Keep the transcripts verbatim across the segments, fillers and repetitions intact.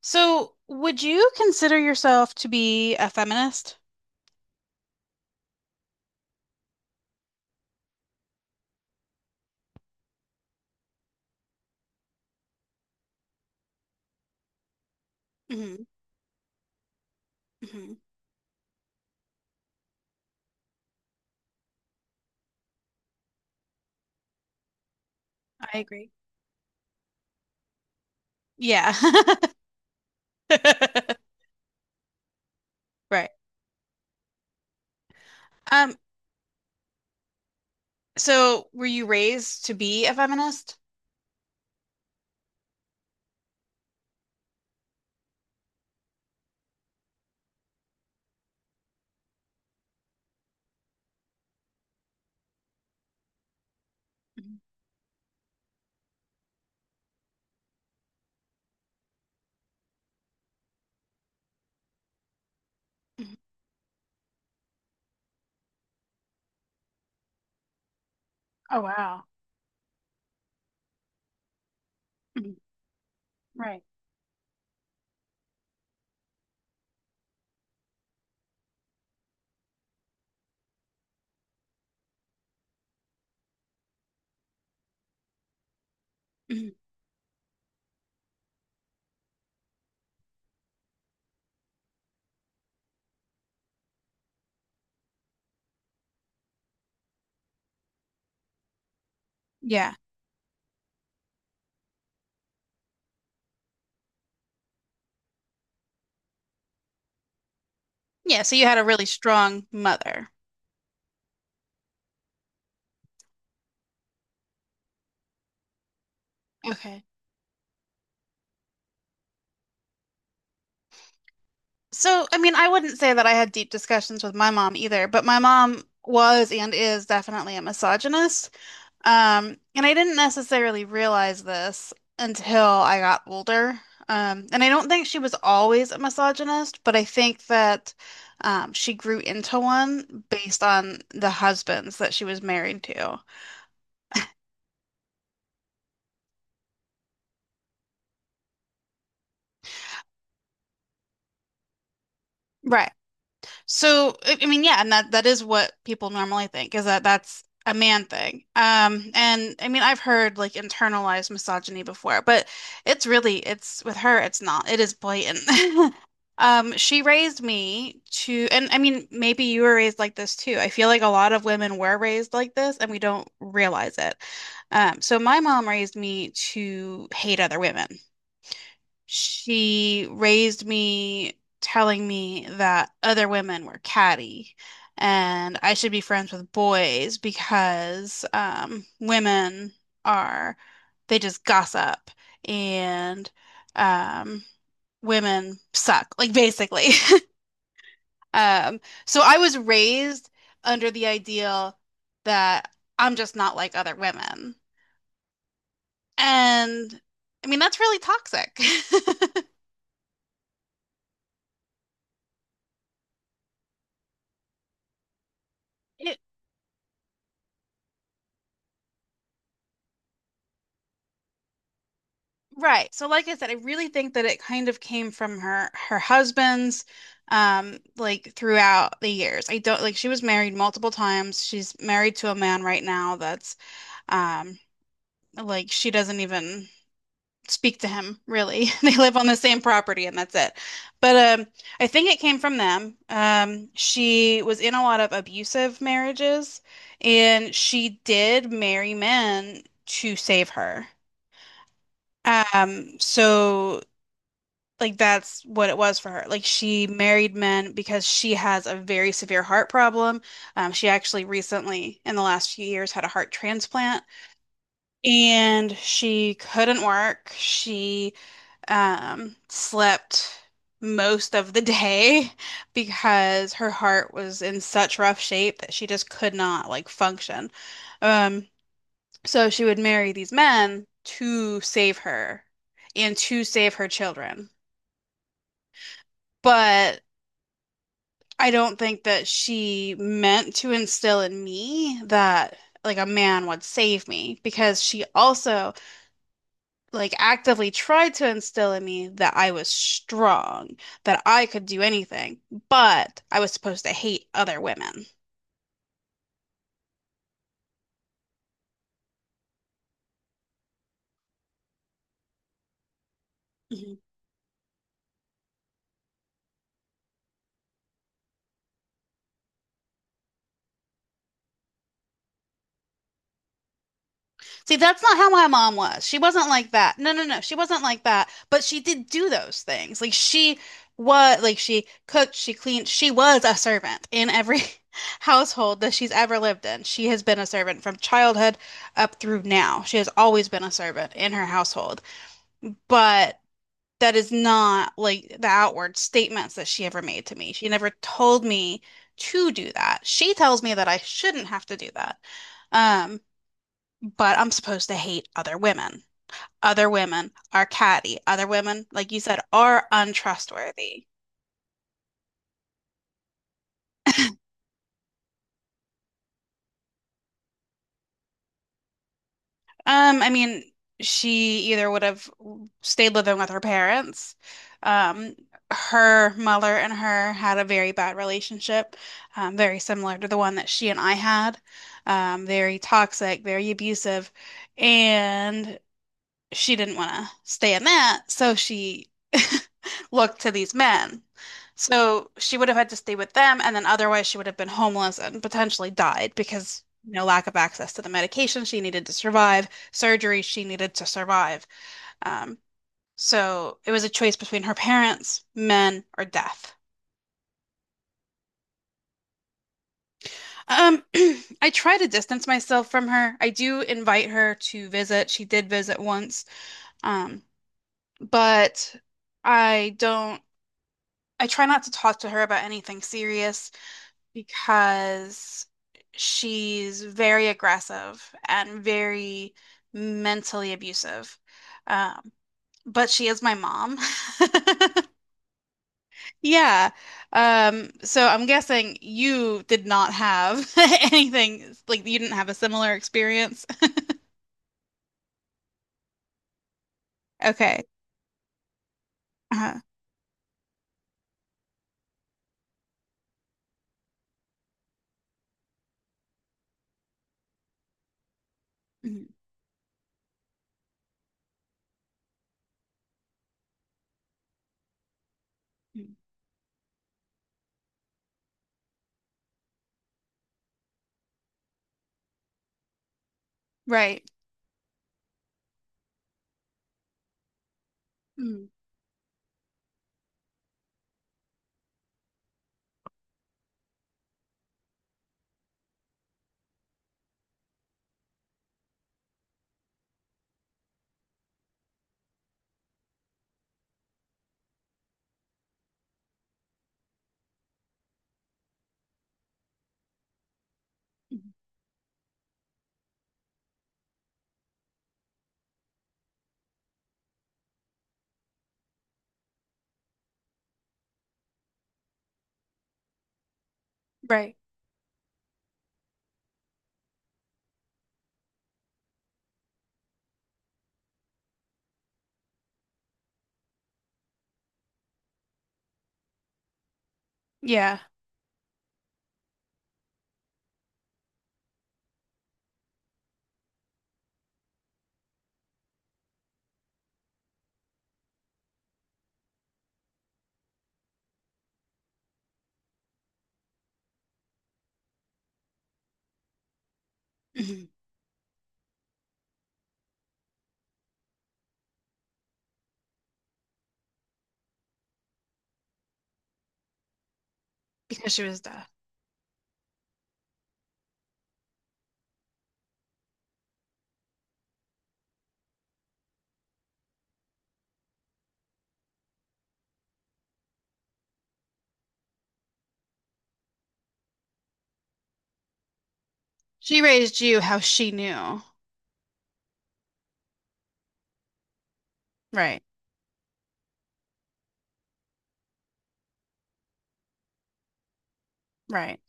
So, would you consider yourself to be a feminist? Hmm. Hmm. I agree. Yeah. Right. Um, so were you raised to be a feminist? Mm-hmm. Oh, wow. Hmm. Right. Hmm. Yeah. Yeah, so you had a really strong mother. Okay. So, I mean, I wouldn't say that I had deep discussions with my mom either, but my mom was and is definitely a misogynist. Um, and I didn't necessarily realize this until I got older. Um, and I don't think she was always a misogynist, but I think that um, she grew into one based on the husbands that she was married to. Right. So, I I mean, yeah, and that that is what people normally think, is that that's a man thing. Um, and I mean, I've heard like internalized misogyny before, but it's really it's with her, it's not. It is blatant. Um, she raised me to, and I mean, maybe you were raised like this too. I feel like a lot of women were raised like this and we don't realize it. Um, so my mom raised me to hate other women. She raised me telling me that other women were catty and I should be friends with boys because um, women are, they just gossip and um, women suck, like basically. Um, so I was raised under the ideal that I'm just not like other women. And I mean, that's really toxic. It— right. So like I said, I really think that it kind of came from her her husband's um like throughout the years. I don't— like she was married multiple times. She's married to a man right now that's um like she doesn't even speak to him really. They live on the same property and that's it. But um I think it came from them. Um she was in a lot of abusive marriages and she did marry men to save her. Um, so like that's what it was for her. Like she married men because she has a very severe heart problem. Um, she actually recently, in the last few years, had a heart transplant and she couldn't work. She um, slept most of the day because her heart was in such rough shape that she just could not like function. Um, so she would marry these men to save her and to save her children. But I don't think that she meant to instill in me that like a man would save me, because she also like actively tried to instill in me that I was strong, that I could do anything, but I was supposed to hate other women. See, that's not how my mom was. She wasn't like that. No, no, no. She wasn't like that. But she did do those things. Like she was, like she cooked, she cleaned. She was a servant in every household that she's ever lived in. She has been a servant from childhood up through now. She has always been a servant in her household. But that is not like the outward statements that she ever made to me. She never told me to do that. She tells me that I shouldn't have to do that. Um, but I'm supposed to hate other women. Other women are catty. Other women, like you said, are untrustworthy. Um, I mean, she either would have stayed living with her parents. Um, her mother and her had a very bad relationship, um, very similar to the one that she and I had. Um, very toxic, very abusive, and she didn't want to stay in that, so she looked to these men. So she would have had to stay with them, and then otherwise she would have been homeless and potentially died because no— lack of access to the medication she needed to survive, surgery she needed to survive. Um, so it was a choice between her parents, men, or death. Um, I try to distance myself from her. I do invite her to visit. She did visit once, um, but I don't. I try not to talk to her about anything serious because she's very aggressive and very mentally abusive. Um, but she is my mom. Yeah. Um, so I'm guessing you did not have anything like— you didn't have a similar experience. Okay. Uh-huh. Mhm. Mhm. Right. Mhm. Mhm. Right. Yeah. Mhm. Because she was deaf. She raised you how she knew. Right. Right.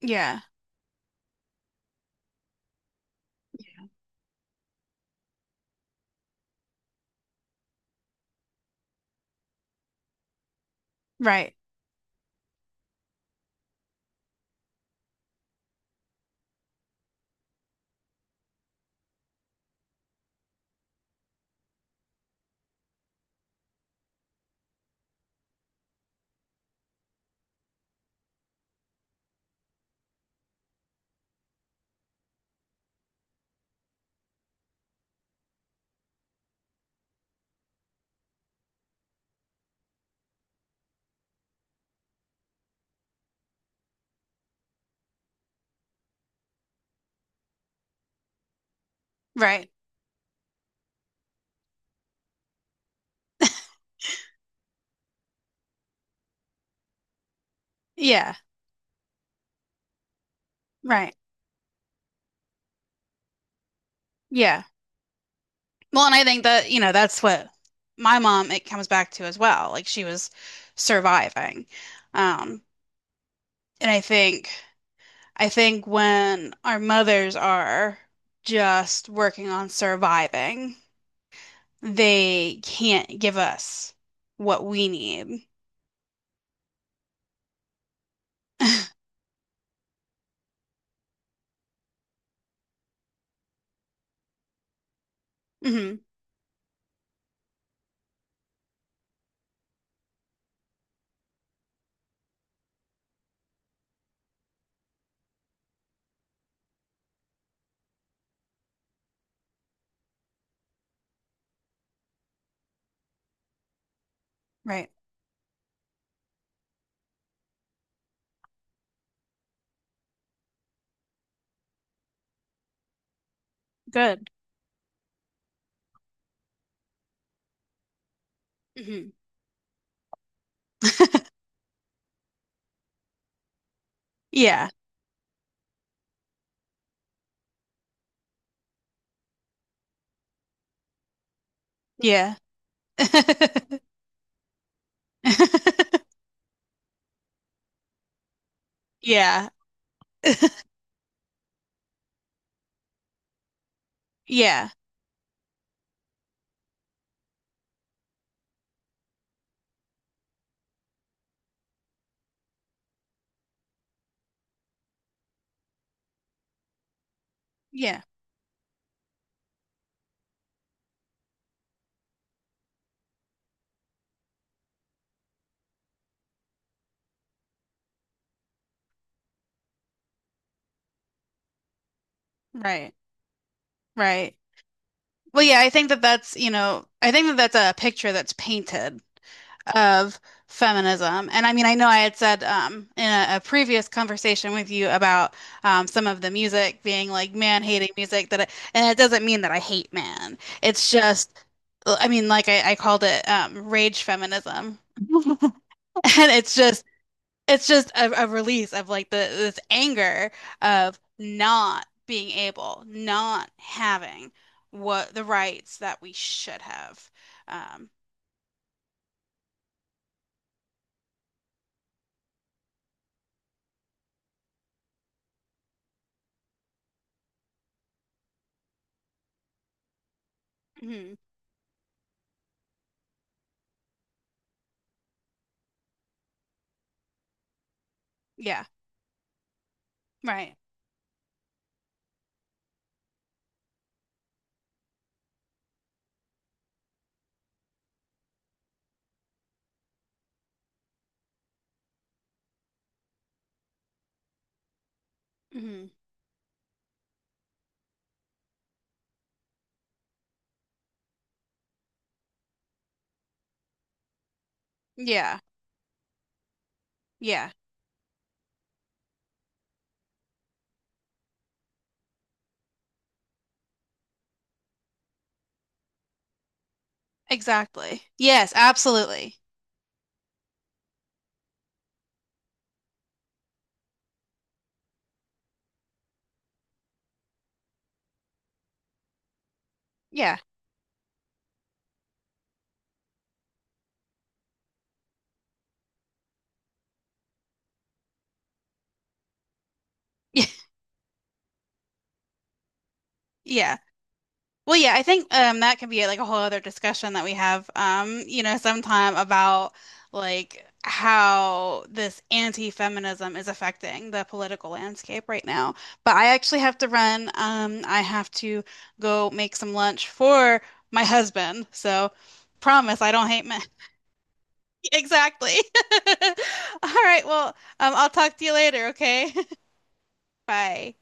Yeah. Right. Right. Yeah. Right. Yeah. Well, and I think that, you know, that's what my mom, it comes back to as well. Like she was surviving. Um, and I think, I think when our mothers are just working on surviving, they can't give us what we need. Hmm. Right. Good. Hmm. Yeah. Yeah. Yeah. Yeah. Yeah. Right. Right. Well, yeah, I think that that's, you know, I think that that's a picture that's painted of feminism. And I mean, I know I had said um, in a, a previous conversation with you about um, some of the music being like man-hating music that I— and it doesn't mean that I hate man. It's just, I mean, like I, I called it um, rage feminism. And it's just— it's just a, a release of like the— this anger of not being able, not having what— the rights that we should have. Um, mhm. Yeah, right. Hmm. Yeah, yeah, exactly. Yes, absolutely. Yeah, yeah. Well, yeah, I think um that could be like a whole other discussion that we have um, you know, sometime about like how this anti-feminism is affecting the political landscape right now. But I actually have to run. Um, I have to go make some lunch for my husband. So— promise I don't hate men. Exactly. All right, well, um, I'll talk to you later, okay? Bye.